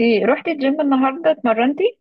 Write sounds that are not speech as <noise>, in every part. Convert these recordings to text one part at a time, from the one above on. اوكي، رحتي الجيم النهارده اتمرنتي؟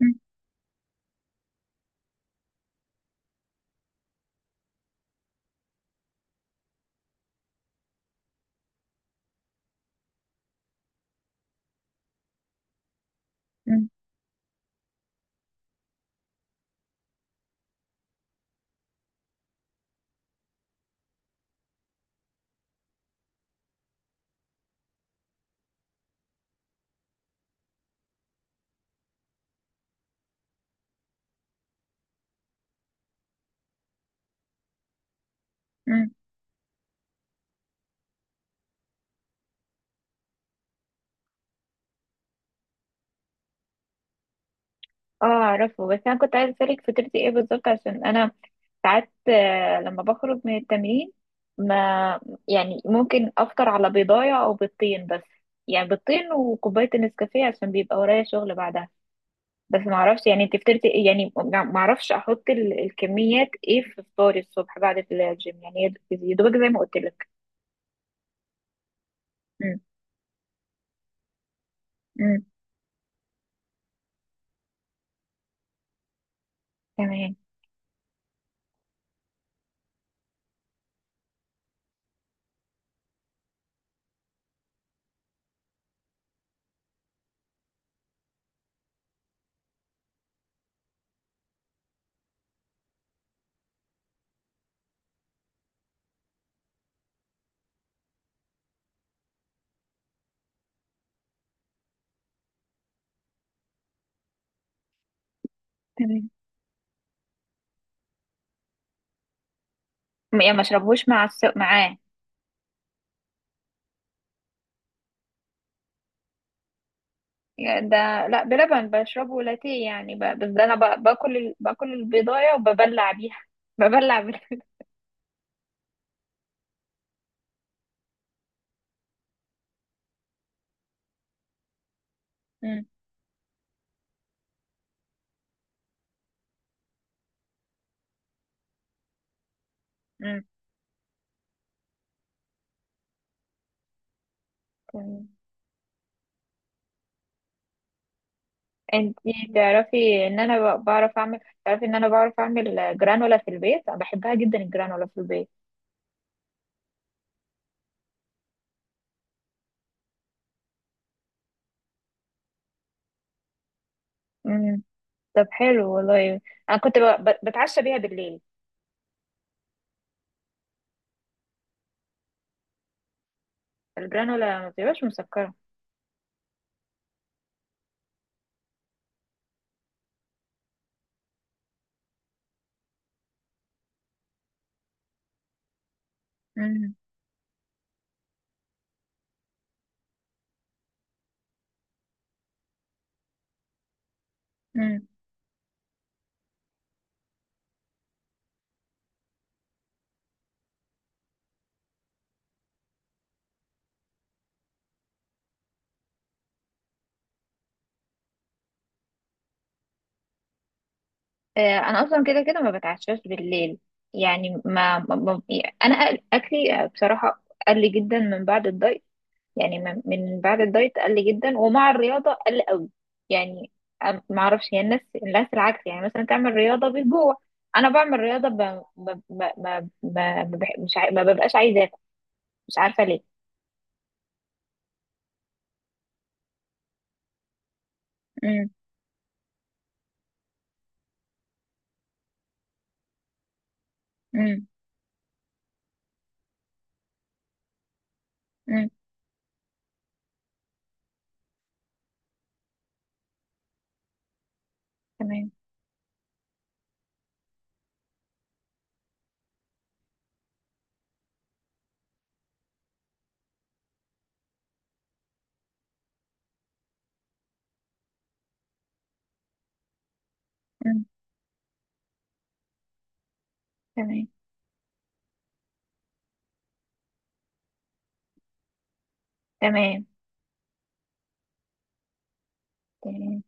مم، مم، مم. اه، اعرفه، بس انا كنت عايزه اسالك فطرتي ايه بالظبط، عشان انا ساعات لما بخرج من التمرين، ما، يعني ممكن افطر على بيضايه او بيضتين، بس. يعني بيضتين وكوبايه النسكافيه، عشان بيبقى ورايا شغل بعدها. بس ما اعرفش، يعني انت فطرتي ايه؟ يعني ما اعرفش احط الكميات ايه في فطاري الصبح بعد الجيم، يعني يا دوبك زي ما قلت لك. مم، مم. تمام، تمام. يعني ما اشربهوش مع معاه؟ يعني ده لا، بلبن، بشربه لاتيه. يعني بس ده انا باكل باكل البيضايه وببلع بيها <laughs> ببلع مم. مم. تمام. انتي تعرفي ان انا ب- بعرف اعمل تعرفي ان انا بعرف اعمل جرانولا في البيت، انا بحبها جدا الجرانولا في البيت. مم. طب، حلو والله. انا كنت بتعشى بيها بالليل. الجرانولا ما بتبقاش مسكره. مم. مم. انا اصلا كده كده ما بتعشاش بالليل. يعني، ما, ما... ما... يعني انا اكلي بصراحه، قل جدا من بعد الدايت. يعني من بعد الدايت قل جدا، ومع الرياضة قل قوي. يعني، ما اعرفش، هي الناس العكس، يعني مثلا تعمل رياضة بالجوع. انا بعمل رياضة، ب... ب... ب... ب... مش ع... ما ببقاش عايزة اكل، مش عارفة ليه. امم. امم. امم. تمام. امم. تمام، تمام، تمام.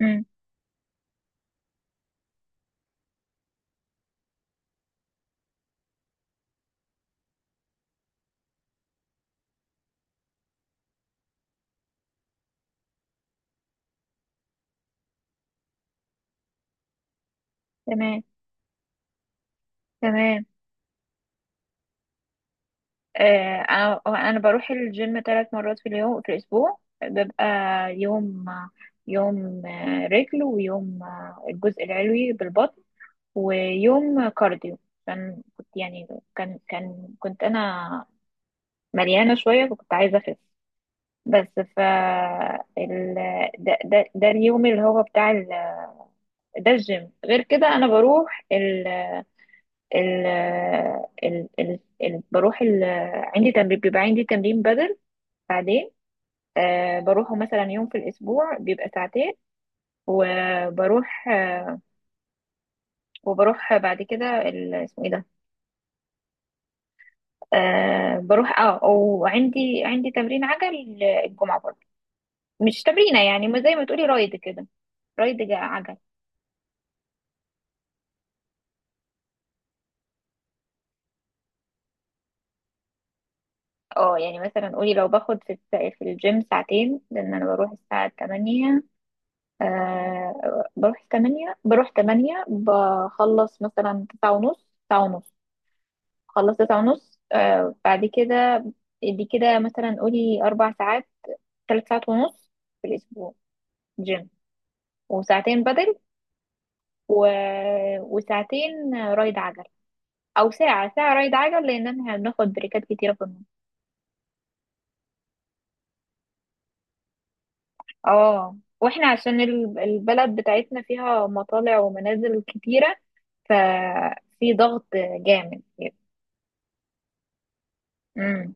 امم. تمام، تمام. آه انا انا بروح الجيم ثلاث مرات في الاسبوع، ببقى يوم، رجل، ويوم الجزء العلوي بالبطن، ويوم كارديو. عشان كنت، يعني، كان كان كنت انا مليانه شويه، فكنت عايزه اخس. بس ال... ده اليوم اللي هو بتاع ده الجيم. غير كده انا بروح، ال... ال... ال... ال... بروح ال... عندي تمرين بدل بعدين. بروحه مثلا يوم في الاسبوع، بيبقى ساعتين. وبروح آه وبروح بعد كده، اسمه ايه ده؟ آه بروح اه وعندي تمرين عجل الجمعة برضه. مش تمرينة يعني، ما زي ما تقولي رايد كده، رايد عجل. اه، يعني مثلا قولي لو باخد في الجيم ساعتين، لان انا بروح الساعة 8. بروح 8، بروح 8، بخلص مثلا 9 ونص، 9 ونص، خلصت 9 ونص بعد كده. دي كده مثلا قولي اربع ساعات، ثلاث ساعات ونص في الاسبوع جيم، وساعتين بدل، و... وساعتين رايد عجل، او ساعة رايد عجل، لان احنا بناخد بريكات كتيرة في النص. اه، واحنا عشان البلد بتاعتنا فيها مطالع ومنازل كتيرة، ففي ضغط جامد. امم.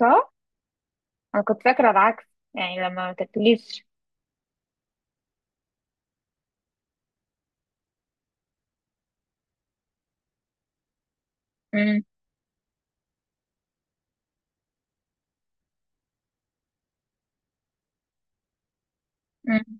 صح، انا كنت فاكرة العكس، يعني لما ما تاكليش. امم. أمم.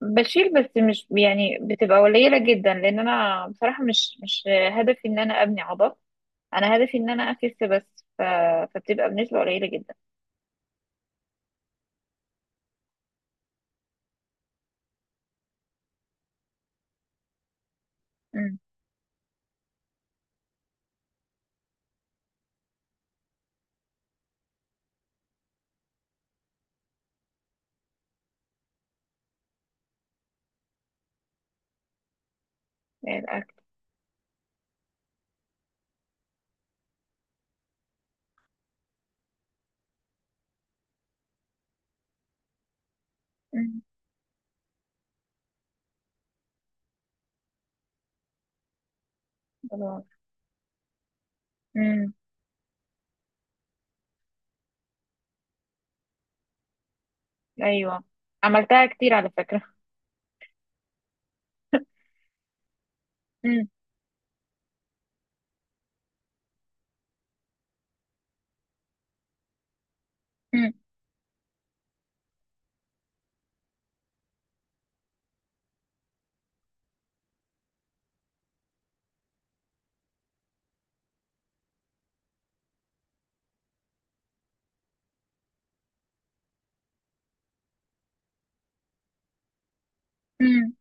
بشيل، بس مش يعني بتبقى قليلة جدا، لان انا بصراحة مش هدفي ان انا ابني عضل. انا هدفي ان انا اخس بس، فبتبقى بنسبة قليلة جدا. الأكل. مم. خلاص. مم. أيوة، عملتها كتير على فكرة. مم. مم. مم.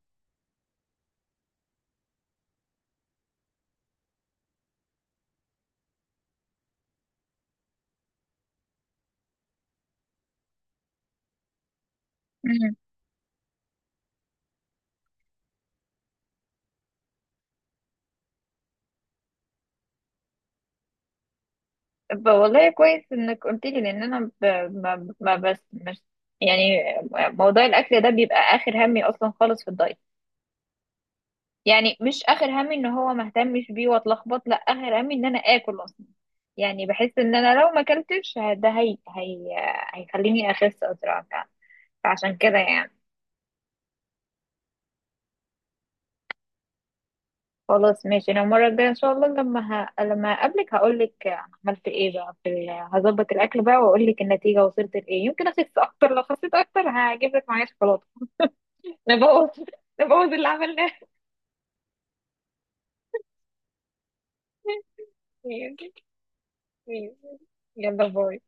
مم. والله كويس إنك قلت لي، لأن أنا ب... ما... ما بس مش يعني. موضوع الأكل ده بيبقى آخر همي أصلا خالص في الدايت. يعني مش آخر همي إن هو ما اهتمش بيه وأتلخبط، لا، آخر همي إن أنا آكل أصلا. يعني بحس إن أنا لو ما أكلتش ده هيخليني أخس أسرع. فعشان كده يعني. خلاص، ماشي. انا المره الجايه ان شاء الله لما اقابلك، هقول لك عملت ايه بقى هظبط الاكل بقى، واقول لك النتيجه وصلت لايه. يمكن اخس اكتر، لو خسيت اكتر هجيب لك معايا شوكولاته. نبوظ <laughs> نبوظ اللي عملناه. <laughs> يلا، باي.